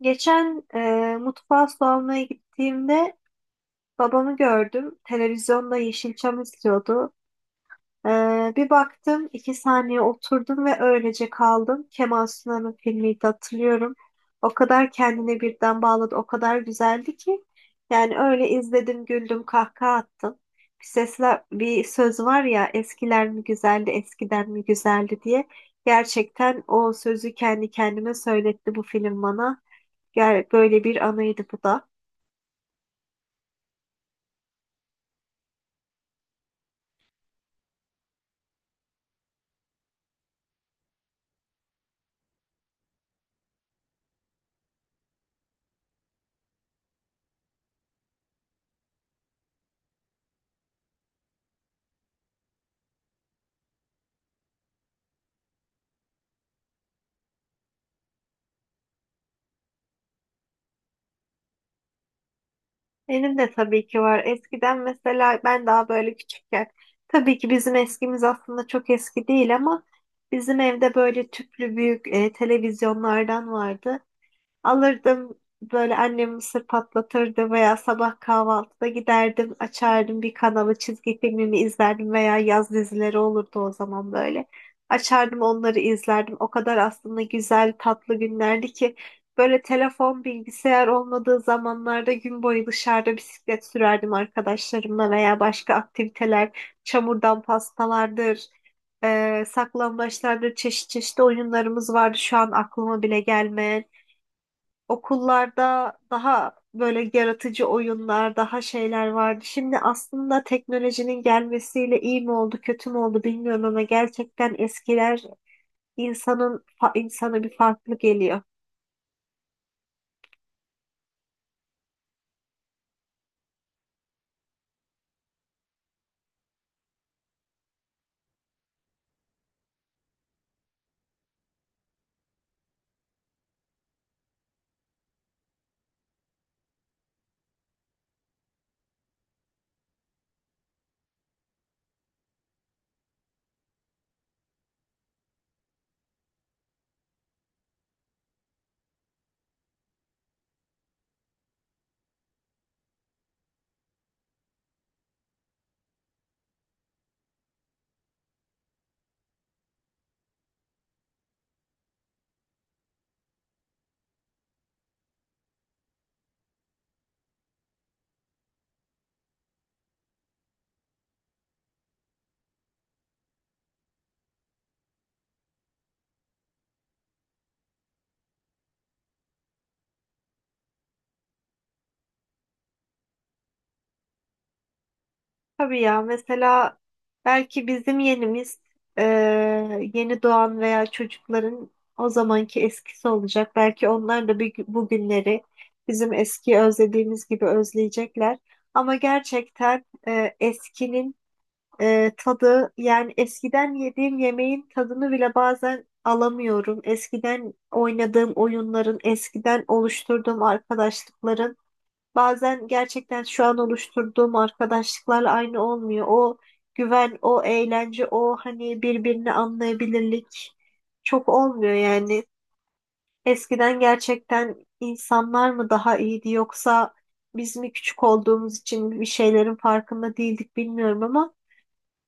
Geçen mutfağa su almaya gittiğimde babamı gördüm. Televizyonda Yeşilçam izliyordu. Bir baktım, iki saniye oturdum ve öylece kaldım. Kemal Sunal'ın filmiydi, hatırlıyorum. O kadar kendine birden bağladı, o kadar güzeldi ki. Yani öyle izledim, güldüm, kahkaha attım. Bir sesler, bir söz var ya, eskiler mi güzeldi, eskiden mi güzeldi diye. Gerçekten o sözü kendi kendime söyletti bu film bana. Gel böyle bir anıydı bu da. Benim de tabii ki var. Eskiden mesela ben daha böyle küçükken tabii ki bizim eskimiz aslında çok eski değil ama bizim evde böyle tüplü büyük televizyonlardan vardı. Alırdım böyle, annem mısır patlatırdı veya sabah kahvaltıda giderdim, açardım bir kanalı, çizgi filmimi izlerdim veya yaz dizileri olurdu o zaman böyle. Açardım onları izlerdim. O kadar aslında güzel tatlı günlerdi ki böyle telefon, bilgisayar olmadığı zamanlarda gün boyu dışarıda bisiklet sürerdim arkadaşlarımla veya başka aktiviteler, çamurdan pastalardır. Saklambaçlardır, çeşit çeşit oyunlarımız vardı şu an aklıma bile gelmeyen. Okullarda daha böyle yaratıcı oyunlar, daha şeyler vardı. Şimdi aslında teknolojinin gelmesiyle iyi mi oldu, kötü mü oldu bilmiyorum ama gerçekten eskiler insanın insana bir farklı geliyor. Tabii ya, mesela belki bizim yenimiz, e, yeni doğan veya çocukların o zamanki eskisi olacak. Belki onlar da bir, bu günleri bizim eski özlediğimiz gibi özleyecekler. Ama gerçekten eskinin tadı, yani eskiden yediğim yemeğin tadını bile bazen alamıyorum. Eskiden oynadığım oyunların, eskiden oluşturduğum arkadaşlıkların, bazen gerçekten şu an oluşturduğum arkadaşlıklarla aynı olmuyor. O güven, o eğlence, o hani birbirini anlayabilirlik çok olmuyor yani. Eskiden gerçekten insanlar mı daha iyiydi yoksa biz mi küçük olduğumuz için bir şeylerin farkında değildik bilmiyorum ama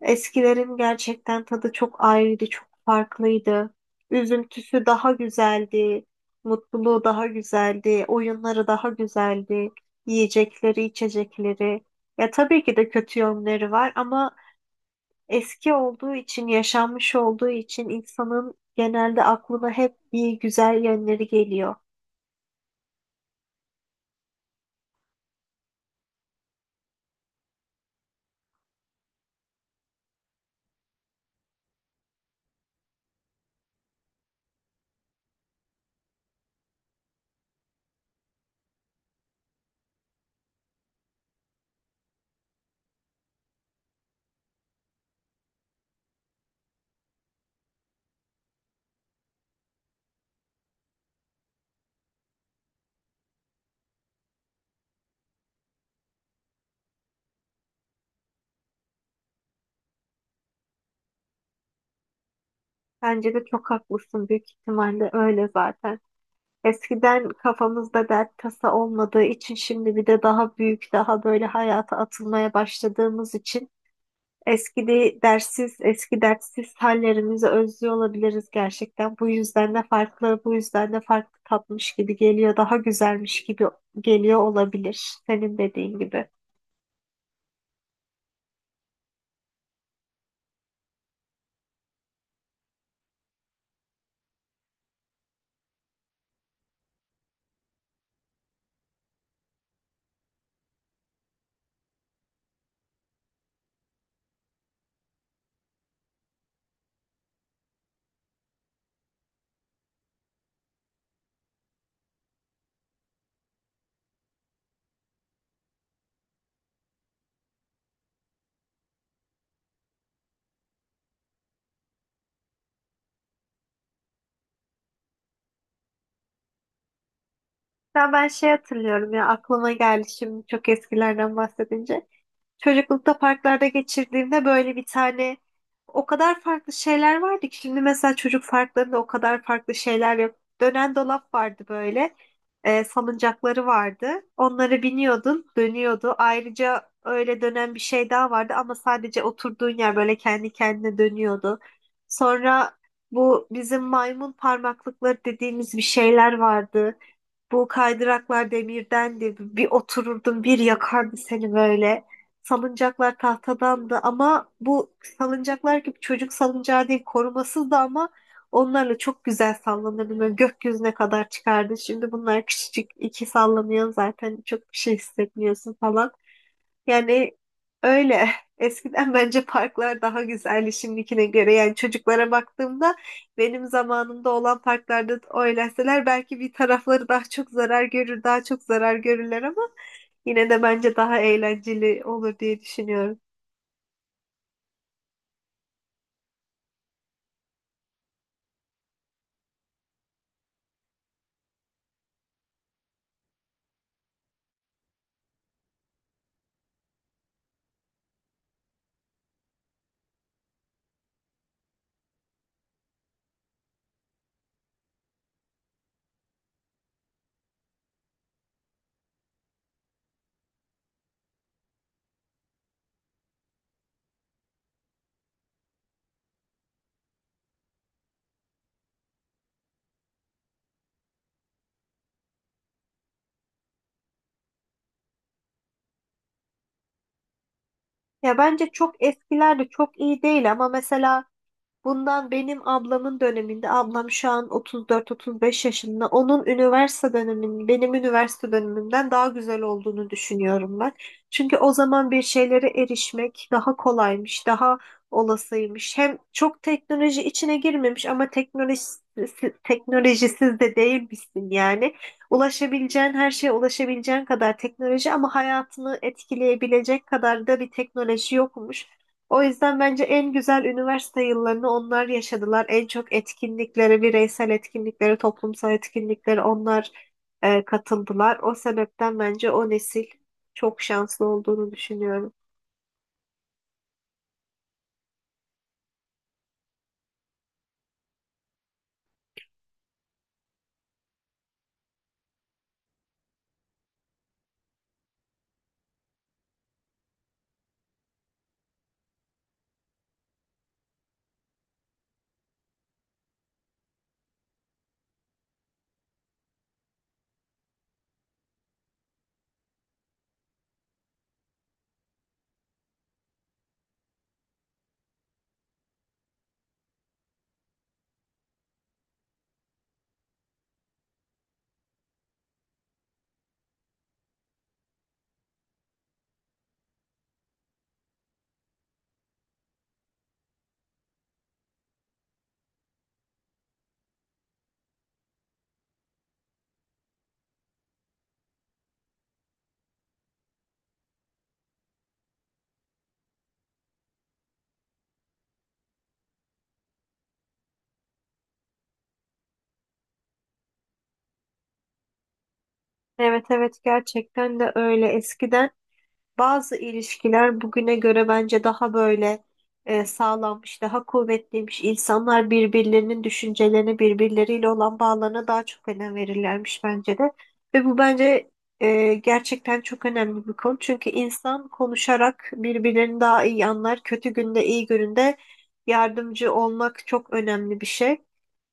eskilerin gerçekten tadı çok ayrıydı, çok farklıydı. Üzüntüsü daha güzeldi, mutluluğu daha güzeldi, oyunları daha güzeldi, yiyecekleri, içecekleri. Ya tabii ki de kötü yönleri var ama eski olduğu için, yaşanmış olduğu için insanın genelde aklına hep iyi, güzel yönleri geliyor. Bence de çok haklısın, büyük ihtimalle öyle zaten. Eskiden kafamızda dert tasa olmadığı için, şimdi bir de daha büyük, daha böyle hayata atılmaya başladığımız için dersiz, eski dertsiz hallerimizi özlüyor olabiliriz gerçekten. Bu yüzden de farklı, bu yüzden de farklı tatmış gibi geliyor, daha güzelmiş gibi geliyor olabilir senin dediğin gibi. Ya ben şey hatırlıyorum ya, aklıma geldi şimdi çok eskilerden bahsedince. Çocuklukta parklarda geçirdiğimde böyle bir tane, o kadar farklı şeyler vardı ki şimdi mesela çocuk parklarında o kadar farklı şeyler yok. Dönen dolap vardı böyle. Salıncakları vardı. Onları biniyordun, dönüyordu. Ayrıca öyle dönen bir şey daha vardı ama sadece oturduğun yer böyle kendi kendine dönüyordu. Sonra bu bizim maymun parmaklıkları dediğimiz bir şeyler vardı. Bu kaydıraklar demirdendi. Bir otururdun, bir yakardı seni böyle. Salıncaklar tahtadandı ama bu salıncaklar gibi çocuk salıncağı değil, korumasız da ama onlarla çok güzel sallanırdım. Böyle gökyüzüne kadar çıkardı. Şimdi bunlar küçücük iki sallanıyor zaten, çok bir şey hissetmiyorsun falan. Yani öyle. Eskiden bence parklar daha güzeldi şimdikine göre. Yani çocuklara baktığımda benim zamanımda olan parklarda oynasalar belki bir tarafları daha çok zarar görür, daha çok zarar görürler ama yine de bence daha eğlenceli olur diye düşünüyorum. Ya bence çok eskiler de çok iyi değil ama mesela bundan benim ablamın döneminde, ablam şu an 34-35 yaşında. Onun üniversite döneminin, benim üniversite dönemimden daha güzel olduğunu düşünüyorum ben. Çünkü o zaman bir şeylere erişmek daha kolaymış, daha olasıymış. Hem çok teknoloji içine girmemiş ama teknolojisiz de değilmişsin yani. Ulaşabileceğin her şeye ulaşabileceğin kadar teknoloji ama hayatını etkileyebilecek kadar da bir teknoloji yokmuş. O yüzden bence en güzel üniversite yıllarını onlar yaşadılar. En çok etkinliklere, bireysel etkinliklere, toplumsal etkinliklere onlar katıldılar. O sebepten bence o nesil çok şanslı olduğunu düşünüyorum. Evet, evet, gerçekten de öyle. Eskiden bazı ilişkiler bugüne göre bence daha böyle sağlammış, daha kuvvetliymiş. İnsanlar birbirlerinin düşüncelerini, birbirleriyle olan bağlarına daha çok önem verirlermiş bence de. Ve bu bence gerçekten çok önemli bir konu. Çünkü insan konuşarak birbirlerini daha iyi anlar. Kötü günde, iyi gününde yardımcı olmak çok önemli bir şey.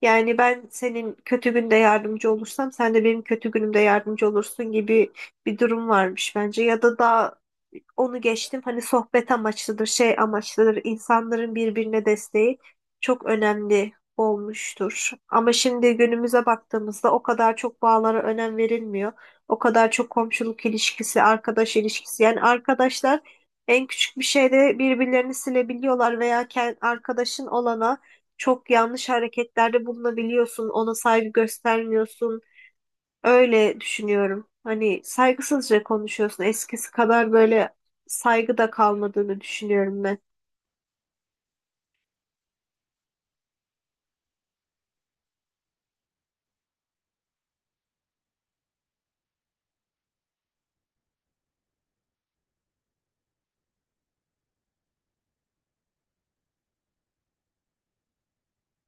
Yani ben senin kötü günde yardımcı olursam sen de benim kötü günümde yardımcı olursun gibi bir durum varmış bence, ya da daha onu geçtim, hani sohbet amaçlıdır, şey amaçlıdır. İnsanların birbirine desteği çok önemli olmuştur. Ama şimdi günümüze baktığımızda o kadar çok bağlara önem verilmiyor. O kadar çok komşuluk ilişkisi, arkadaş ilişkisi. Yani arkadaşlar en küçük bir şeyde birbirlerini silebiliyorlar veya arkadaşın olana çok yanlış hareketlerde bulunabiliyorsun. Ona saygı göstermiyorsun. Öyle düşünüyorum. Hani saygısızca konuşuyorsun. Eskisi kadar böyle saygı da kalmadığını düşünüyorum ben.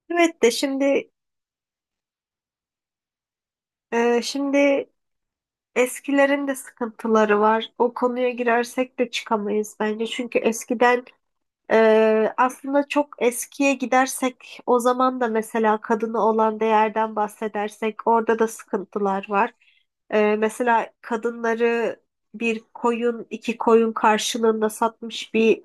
Evet de şimdi, şimdi eskilerin de sıkıntıları var. O konuya girersek de çıkamayız bence. Çünkü eskiden, aslında çok eskiye gidersek o zaman da mesela kadına olan değerden bahsedersek orada da sıkıntılar var. Mesela kadınları bir koyun, iki koyun karşılığında satmış bir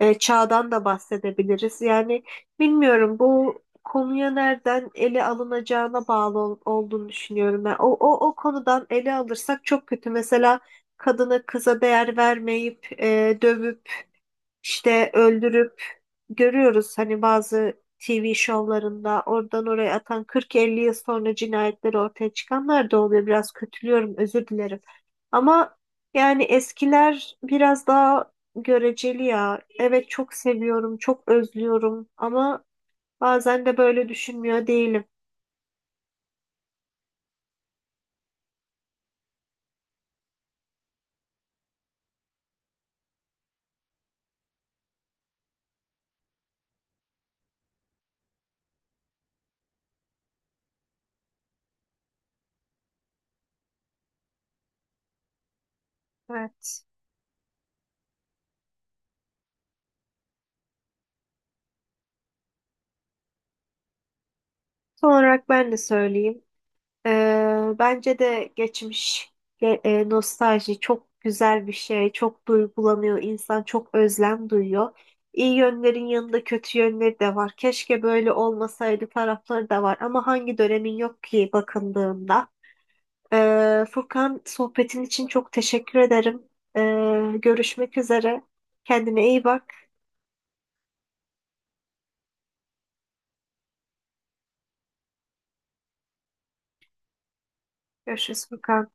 çağdan da bahsedebiliriz. Yani bilmiyorum, bu konuya nereden ele alınacağına bağlı olduğunu düşünüyorum. Ben o konudan ele alırsak çok kötü. Mesela kadına kıza değer vermeyip dövüp işte öldürüp, görüyoruz hani bazı TV şovlarında oradan oraya atan, 40-50 yıl sonra cinayetleri ortaya çıkanlar da oluyor. Biraz kötülüyorum, özür dilerim. Ama yani eskiler biraz daha göreceli ya. Evet çok seviyorum, çok özlüyorum ama bazen de böyle düşünmüyor değilim. Evet. Son olarak ben de söyleyeyim. Bence de geçmiş, nostalji çok güzel bir şey. Çok duygulanıyor, insan çok özlem duyuyor. İyi yönlerin yanında kötü yönleri de var. Keşke böyle olmasaydı tarafları da var. Ama hangi dönemin yok ki bakıldığında. Furkan, sohbetin için çok teşekkür ederim. Görüşmek üzere. Kendine iyi bak. Görüşürüz Furkan.